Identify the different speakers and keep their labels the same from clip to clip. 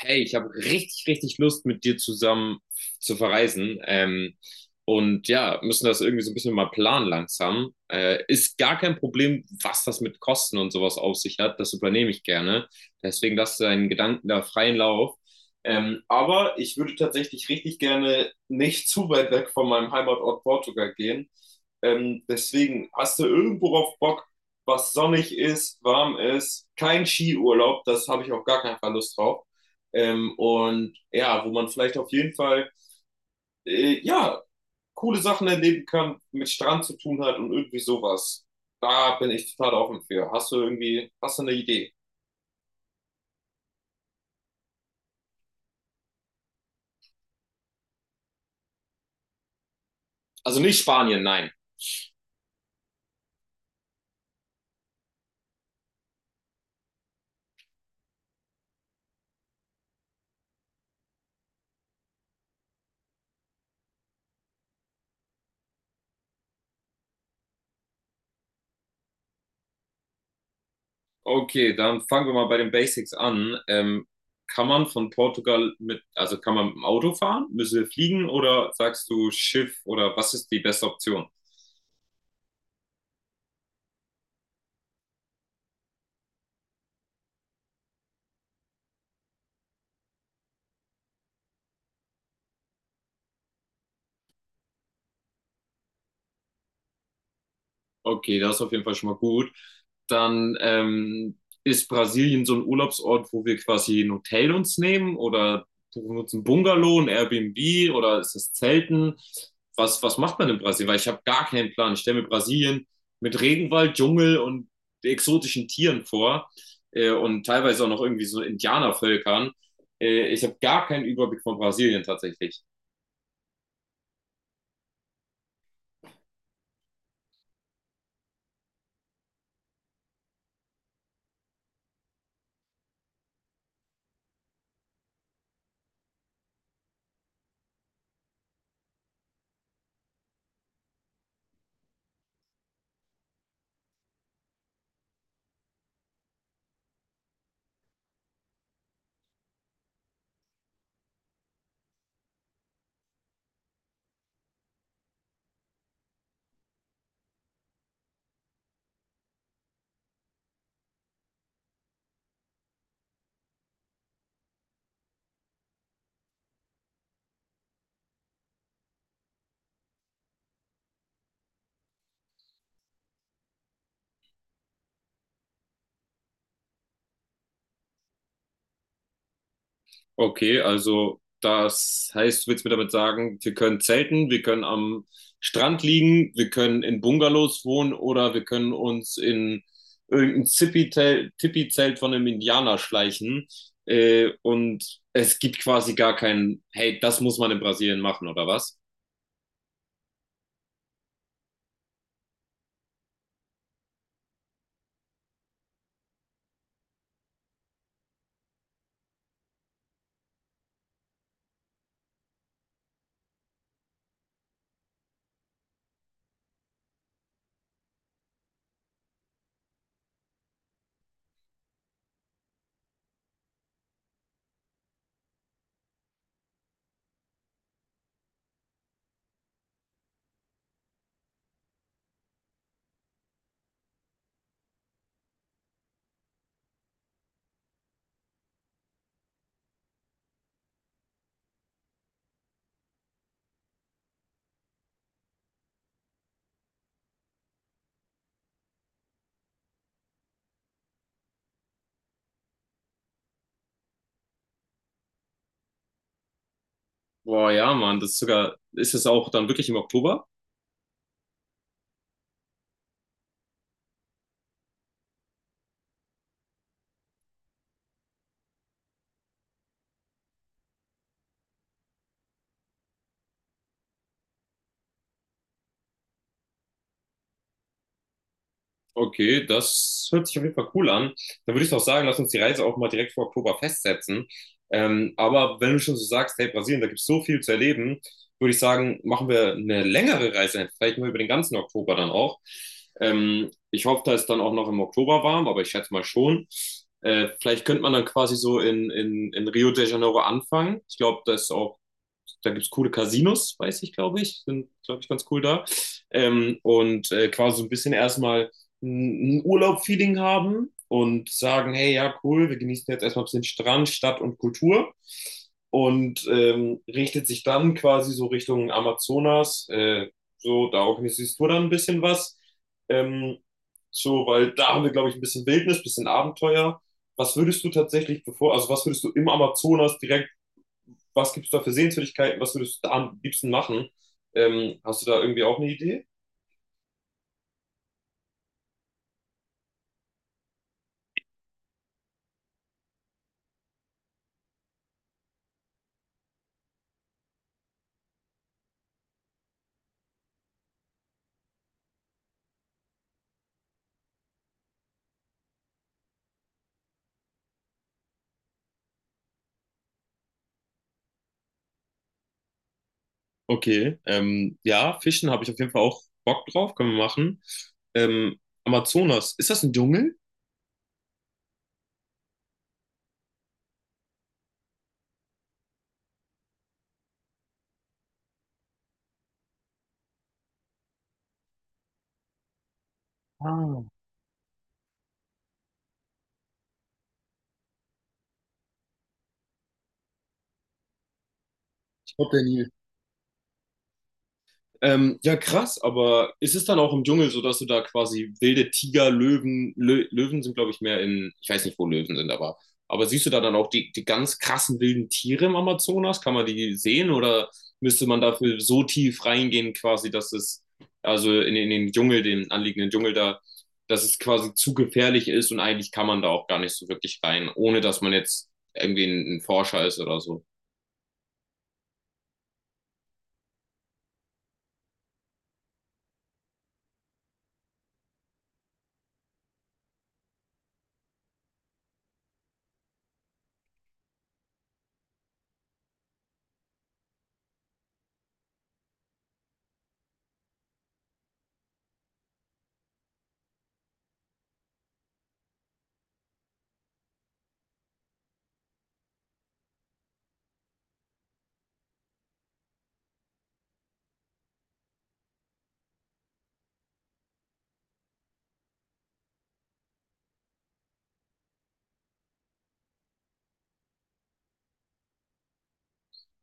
Speaker 1: Hey, ich habe richtig, richtig Lust, mit dir zusammen zu verreisen. Und ja, müssen das irgendwie so ein bisschen mal planen langsam. Ist gar kein Problem, was das mit Kosten und sowas auf sich hat. Das übernehme ich gerne. Deswegen lass deinen Gedanken da freien Lauf. Aber ich würde tatsächlich richtig gerne nicht zu weit weg von meinem Heimatort Portugal gehen. Deswegen hast du irgendwo auf Bock, was sonnig ist, warm ist, kein Skiurlaub, das habe ich auf gar keinen Fall Lust drauf. Und ja, wo man vielleicht auf jeden Fall, äh, ja, coole Sachen erleben kann, mit Strand zu tun hat und irgendwie sowas. Da bin ich total offen für. Hast du irgendwie, hast du eine Idee? Also nicht Spanien, nein. Okay, dann fangen wir mal bei den Basics an. Kann man von Portugal mit, also kann man mit dem Auto fahren? Müssen wir fliegen oder sagst du Schiff oder was ist die beste Option? Okay, das ist auf jeden Fall schon mal gut. Dann ist Brasilien so ein Urlaubsort, wo wir quasi ein Hotel uns nehmen oder buchen uns ein Bungalow, ein Airbnb oder ist das Zelten? Was, was macht man in Brasilien? Weil ich habe gar keinen Plan. Ich stelle mir Brasilien mit Regenwald, Dschungel und exotischen Tieren vor und teilweise auch noch irgendwie so Indianervölkern. Ich habe gar keinen Überblick von Brasilien tatsächlich. Okay, also das heißt, du willst mir damit sagen, wir können zelten, wir können am Strand liegen, wir können in Bungalows wohnen oder wir können uns in irgendein Tippi-Zelt von einem Indianer schleichen. Und es gibt quasi gar keinen, hey, das muss man in Brasilien machen, oder was? Boah, ja, Mann, das ist sogar, ist es auch dann wirklich im Oktober? Okay, das hört sich auf jeden Fall cool an. Dann würde ich doch sagen, lass uns die Reise auch mal direkt vor Oktober festsetzen. Aber wenn du schon so sagst, hey, Brasilien, da gibt es so viel zu erleben, würde ich sagen, machen wir eine längere Reise, vielleicht nur über den ganzen Oktober dann auch. Ich hoffe, da ist dann auch noch im Oktober warm, aber ich schätze mal schon. Vielleicht könnte man dann quasi so in Rio de Janeiro anfangen. Ich glaube, da ist auch da gibt es coole Casinos, weiß ich, glaube ich. Sind, glaube ich, ganz cool da. Und quasi so ein bisschen erstmal ein Urlaub-Feeling haben und sagen, hey, ja, cool, wir genießen jetzt erstmal ein bisschen Strand, Stadt und Kultur. Und richtet sich dann quasi so Richtung Amazonas. So, da organisierst du dann ein bisschen was. Ähm, so, weil da haben wir, glaube ich, ein bisschen Wildnis, ein bisschen Abenteuer. Was würdest du tatsächlich bevor, also was würdest du im Amazonas direkt was gibt es da für Sehenswürdigkeiten, was würdest du da am liebsten machen? Hast du da irgendwie auch eine Idee? Okay, ja, Fischen habe ich auf jeden Fall auch Bock drauf, können wir machen. Amazonas, ist das ein Dschungel? Ah, ich glaube, der ja, krass, aber ist es dann auch im Dschungel so, dass du da quasi wilde Tiger, Löwen, Lö Löwen sind, glaube ich, mehr in, ich weiß nicht, wo Löwen sind, aber siehst du da dann auch die ganz krassen wilden Tiere im Amazonas? Kann man die sehen oder müsste man dafür so tief reingehen, quasi, dass es, also in den Dschungel, den anliegenden Dschungel da, dass es quasi zu gefährlich ist und eigentlich kann man da auch gar nicht so wirklich rein, ohne dass man jetzt irgendwie ein Forscher ist oder so.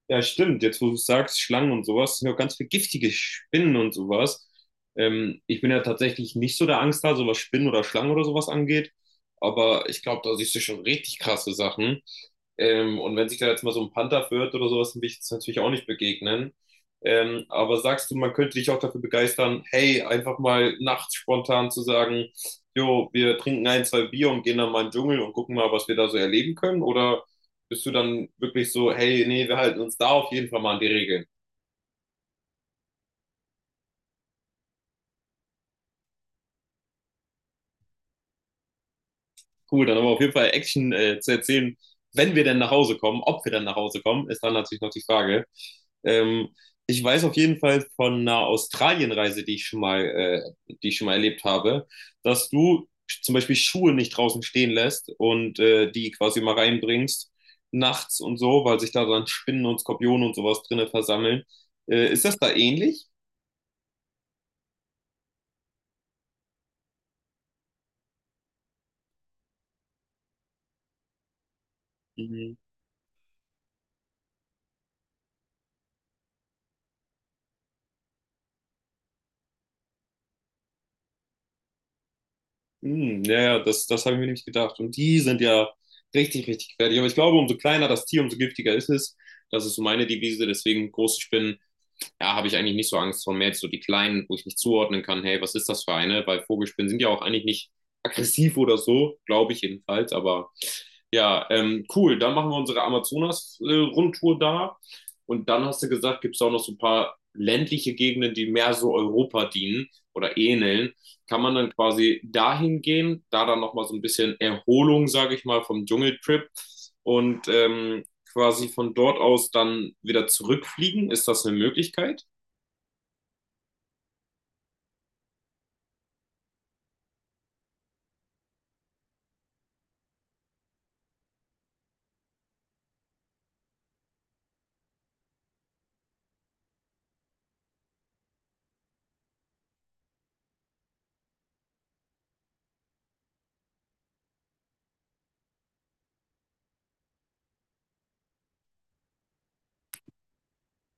Speaker 1: Ja, stimmt. Jetzt, wo du sagst, Schlangen und sowas, sind ja auch ganz viele giftige Spinnen und sowas. Ich bin ja tatsächlich nicht so der Angsthase, was Spinnen oder Schlangen oder sowas angeht. Aber ich glaube, da siehst du schon richtig krasse Sachen. Und wenn sich da jetzt mal so ein Panther verirrt oder sowas, dann will ich jetzt natürlich auch nicht begegnen. Aber sagst du, man könnte dich auch dafür begeistern, hey, einfach mal nachts spontan zu sagen, jo, wir trinken ein, zwei Bier und gehen dann mal in den Dschungel und gucken mal, was wir da so erleben können? Oder bist du dann wirklich so, hey, nee, wir halten uns da auf jeden Fall mal an die Regeln? Cool, dann haben wir auf jeden Fall Action zu erzählen, wenn wir denn nach Hause kommen. Ob wir denn nach Hause kommen, ist dann natürlich noch die Frage. Ähm, Ich weiß auf jeden Fall von einer Australienreise, die ich schon mal, die ich schon mal erlebt habe, dass du zum Beispiel Schuhe nicht draußen stehen lässt und die quasi mal reinbringst nachts und so, weil sich da dann Spinnen und Skorpione und sowas drinne versammeln. Ist das da ähnlich? Hm, ja, ja, das, das habe ich mir nämlich gedacht. Und die sind ja richtig, richtig gefährlich. Aber ich glaube, umso kleiner das Tier, umso giftiger ist es. Das ist so meine Devise. Deswegen große Spinnen ja, habe ich eigentlich nicht so Angst vor. Mehr jetzt so die kleinen, wo ich nicht zuordnen kann, hey, was ist das für eine? Weil Vogelspinnen sind ja auch eigentlich nicht aggressiv oder so, glaube ich jedenfalls. Aber ja, cool. Dann machen wir unsere Amazonas-Rundtour da. Und dann hast du gesagt, gibt es auch noch so ein paar ländliche Gegenden, die mehr so Europa dienen oder ähneln. Kann man dann quasi dahin gehen, da dann nochmal so ein bisschen Erholung, sage ich mal, vom Dschungeltrip und quasi von dort aus dann wieder zurückfliegen? Ist das eine Möglichkeit?